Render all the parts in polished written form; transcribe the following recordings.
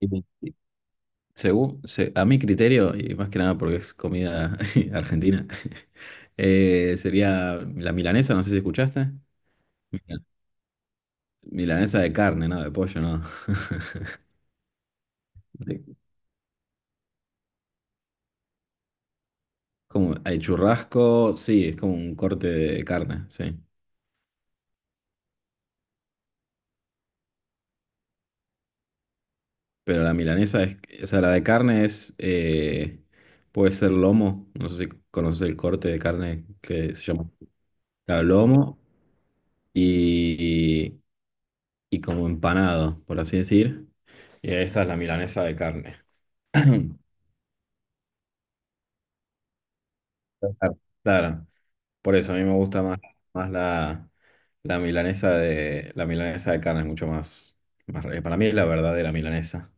Y- y a mi criterio, y más que nada porque es comida argentina, sería la milanesa, no sé si escuchaste. Mila- Milanesa de carne, ¿no? De pollo, ¿no? De- Como el churrasco, sí, es como un corte de carne, sí. Pero la milanesa es, o sea, la de carne es, puede ser lomo, no sé si conoces el corte de carne que se llama claro, lomo y, y como empanado, por así decir. Y esta es la milanesa de carne. Claro. Claro, por eso a mí me gusta más, más la, la milanesa de carne, es mucho más, para mí es la verdadera milanesa.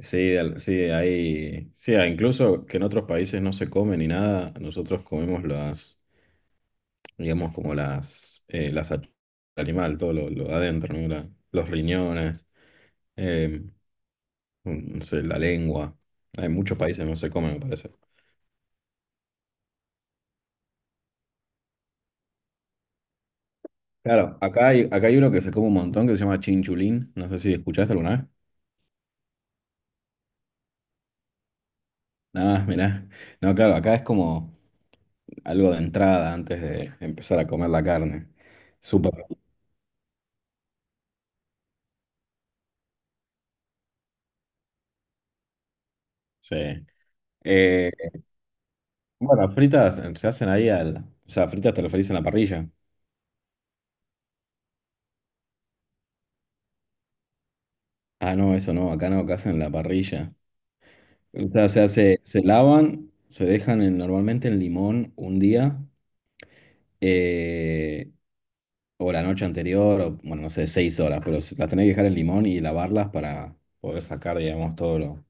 Sí, sí, ahí, sí, ah, incluso que en otros países no se come ni nada, nosotros comemos las, digamos como las, animal, todo lo de adentro, ¿no? Los riñones, eh, no sé, la lengua. En muchos países no se come, me parece. Claro, acá hay uno que se come un montón que se llama chinchulín. No sé si escuchaste alguna vez. Nada, mirá. No, claro, acá es como algo de entrada antes de empezar a comer la carne. Súper. Sí. Eh, bueno, fritas se hacen ahí al. O sea, fritas te referís en la parrilla. Ah, no, eso no, acá no, acá hacen la parrilla. O sea, se hace, se lavan, se dejan normalmente en limón un día. eh, o la noche anterior, o bueno, no sé, seis horas, pero las tenés que dejar en limón y lavarlas para poder sacar, digamos, todo lo,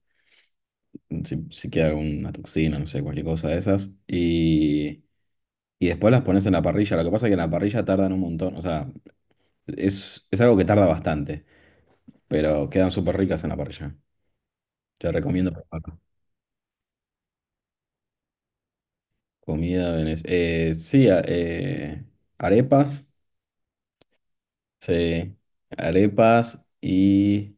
si queda alguna toxina, no sé, cualquier cosa de esas. Y después las pones en la parrilla. Lo que pasa es que en la parrilla tardan un montón, o sea, es algo que tarda bastante, pero quedan súper ricas en la parrilla. Te recomiendo probarlo. Sí, arepas, sí, arepas y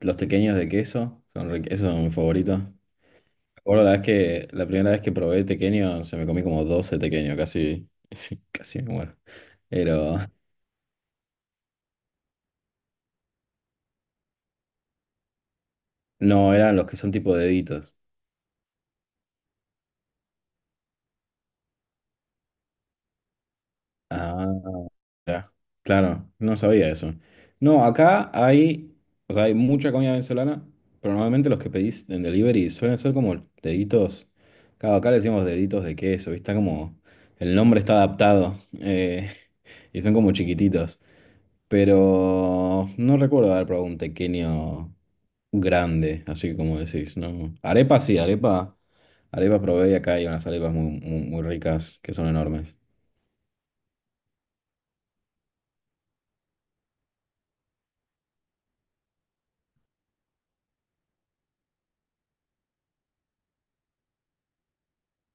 los pequeños de queso, esos son mis favoritos. Bueno, la primera vez que probé tequeño, se me comí como 12 tequeños, casi, casi me muero. Pero no, eran los que son tipo deditos. Ah. Ya, claro, no sabía eso. No, acá hay, o sea, hay mucha comida venezolana, pero normalmente los que pedís en delivery suelen ser como deditos, claro, acá le decimos deditos de queso, ¿viste? Como el nombre está adaptado y son como chiquititos, pero no recuerdo haber probado un pequeño grande, así como decís, ¿no? Arepa sí, arepa, arepa probé y acá hay unas arepas muy, muy, muy ricas que son enormes.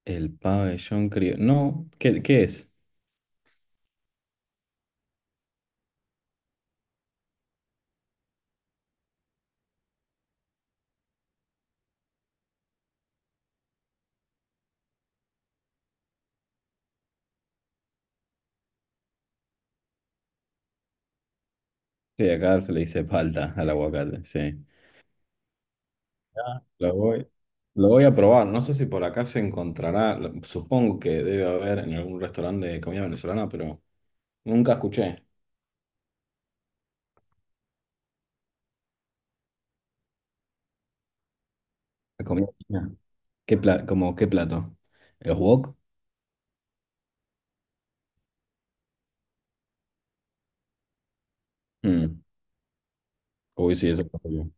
El pabellón criollo. No, ¿qué, qué es? Sí, acá se le dice palta al aguacate, sí. Ah, lo voy a probar. No sé si por acá se encontrará, supongo que debe haber en algún restaurante de comida venezolana, pero nunca escuché. La comida china. ¿Como qué plato? ¿Los wok? Mm. Uy, sí, eso está muy bien.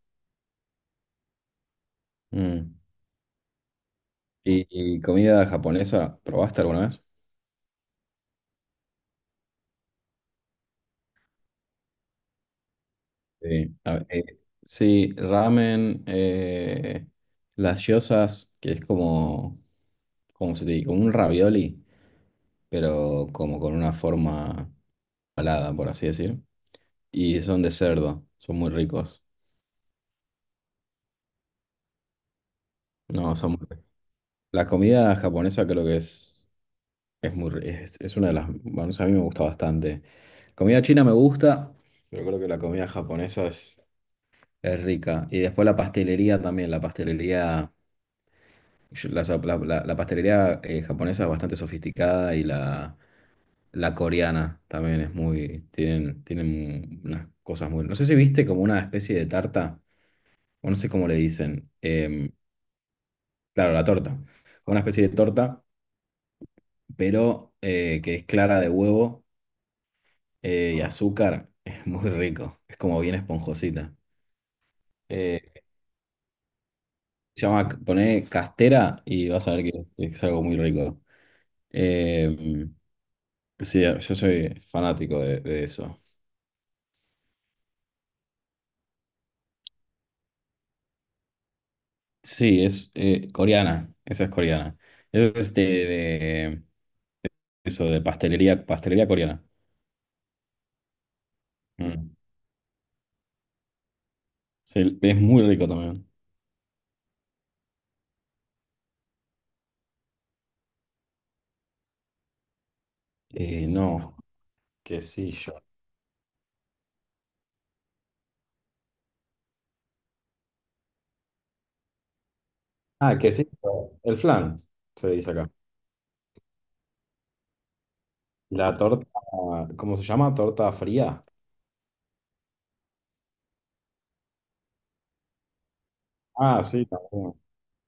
Mm. ¿Y, ¿Y comida japonesa probaste alguna vez? Sí, a sí, ramen, las gyozas, que es como, como se te dice, como un ravioli, pero como con una forma alada por así decir. Y son de cerdo, son muy ricos. No, son muy ricos. La comida japonesa creo que es, es una de las, bueno, a mí me gusta bastante. Comida china me gusta, pero creo que la comida japonesa es rica. Y después la pastelería también, la pastelería. Yo- La, sa- la- la- la pastelería japonesa es bastante sofisticada y la coreana también es muy, tienen, tienen unas cosas muy... No sé si viste como una especie de tarta, o no sé cómo le dicen. Claro, la torta. Como una especie de torta, pero que es clara de huevo y azúcar. Es muy rico. Es como bien esponjosita. Eh, Poné castera y vas a ver que es algo muy rico. Em, Sí, yo soy fanático de eso. Sí, es coreana, esa es coreana. Es de, de- Eso, de pastelería, pastelería coreana. Mm. Sí, es muy rico también. No, quesillo. Ah, quesillo. El flan, se dice acá. La torta, ¿cómo se llama? ¿Torta fría? Ah, sí, también.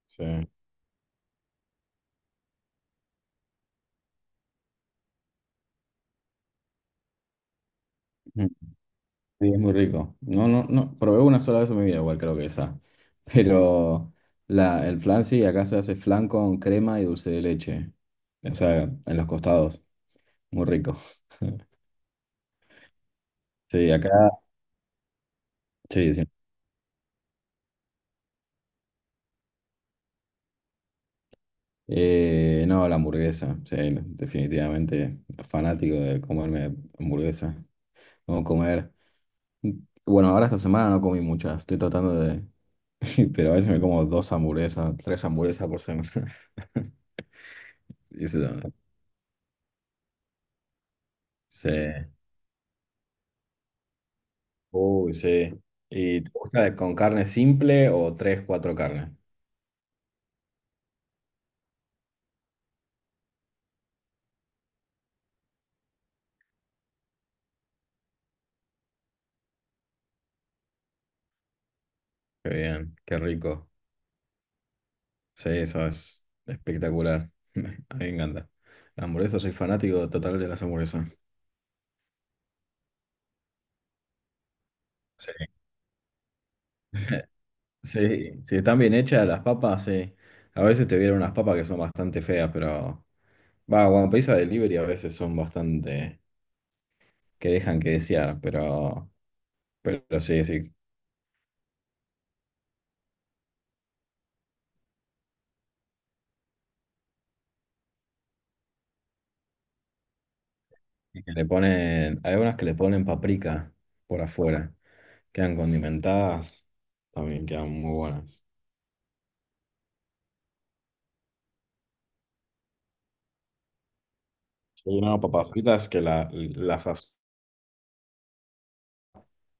Sí. Sí, es muy rico. No, no, no, probé una sola vez en mi vida, igual creo que esa. Pero la, el flan sí, acá se hace flan con crema y dulce de leche. O sea, en los costados. Muy rico. Sí, acá. Sí, sí. No, la hamburguesa. Sí, definitivamente fanático de comerme hamburguesa. No comer. Bueno, ahora esta semana no comí muchas. Estoy tratando de. Pero a veces me como dos hamburguesas, tres hamburguesas por semana. Eso también. Sí. Uy, sí. ¿Y te gusta con carne simple o tres, cuatro carnes? Qué bien, qué rico. Sí, eso es espectacular. A mí me encanta. La hamburguesa, soy fanático total de las hamburguesas. Sí. Sí, si están bien hechas las papas, sí. A veces te vienen unas papas que son bastante feas, pero... Va, cuando pedís a delivery a veces son bastante... que dejan que desear, pero... Pero sí, sí. Y que le ponen, hay unas que le ponen paprika por afuera. Quedan condimentadas, también quedan muy buenas. Hay unas papas fritas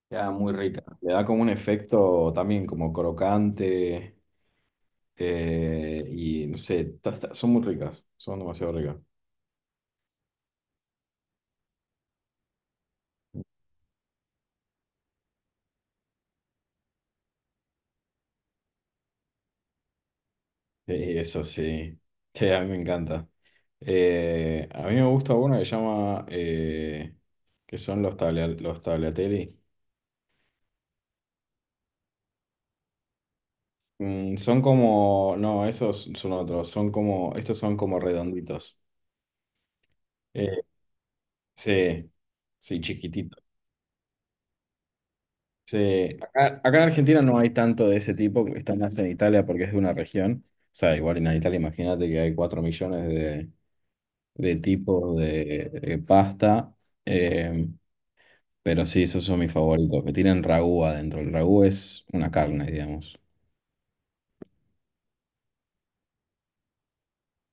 quedan muy ricas. Le da como un efecto también como crocante y no sé, son muy ricas, son demasiado ricas. Sí, eso sí, sí, a mí me encanta. A mí me gusta una que llama, que son los, tablia- los tagliatelli. Son como, no, esos son otros, son como, estos son como redonditos. Eh, sí, sí, chiquititos. Sí. Acá en Argentina no hay tanto de ese tipo, que está más en Italia porque es de una región. O sea, igual en Italia imagínate que hay 4 millones de tipos de pasta, eh, pero sí, esos son mis favoritos, que tienen ragú adentro. El ragú es una carne, digamos.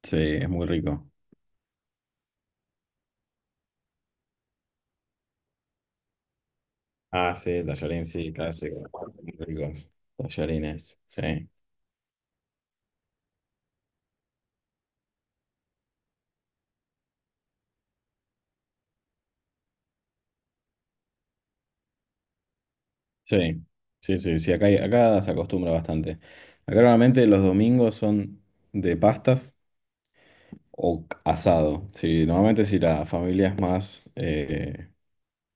Sí, es muy rico. Ah, sí, tallarín, sí, clásico. Muy ricos. Tallarines, sí. Sí, sí, acá se acostumbra bastante. Acá normalmente los domingos son de pastas o asado. Sí, normalmente si la familia es más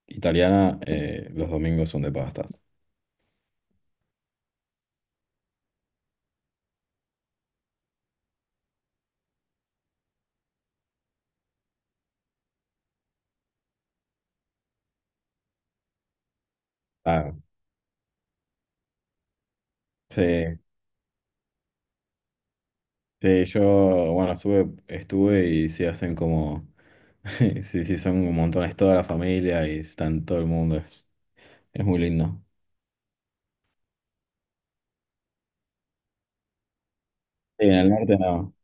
italiana, los domingos son de pastas. Ah, sí, sí, yo, bueno, estuve y sí hacen como, sí, sí, son montones toda la familia y están todo el mundo, es muy lindo. Sí, en el norte no.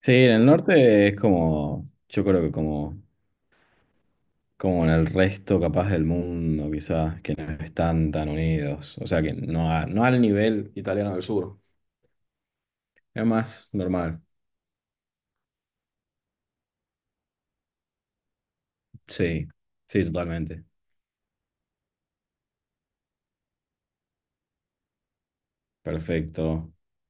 Sí, en el norte es como, yo creo que como, como en el resto capaz del mundo, quizás, que no están tan unidos. O sea, que no, no al nivel italiano del sur. Es más normal. Sí, sí, totalmente. Perfecto.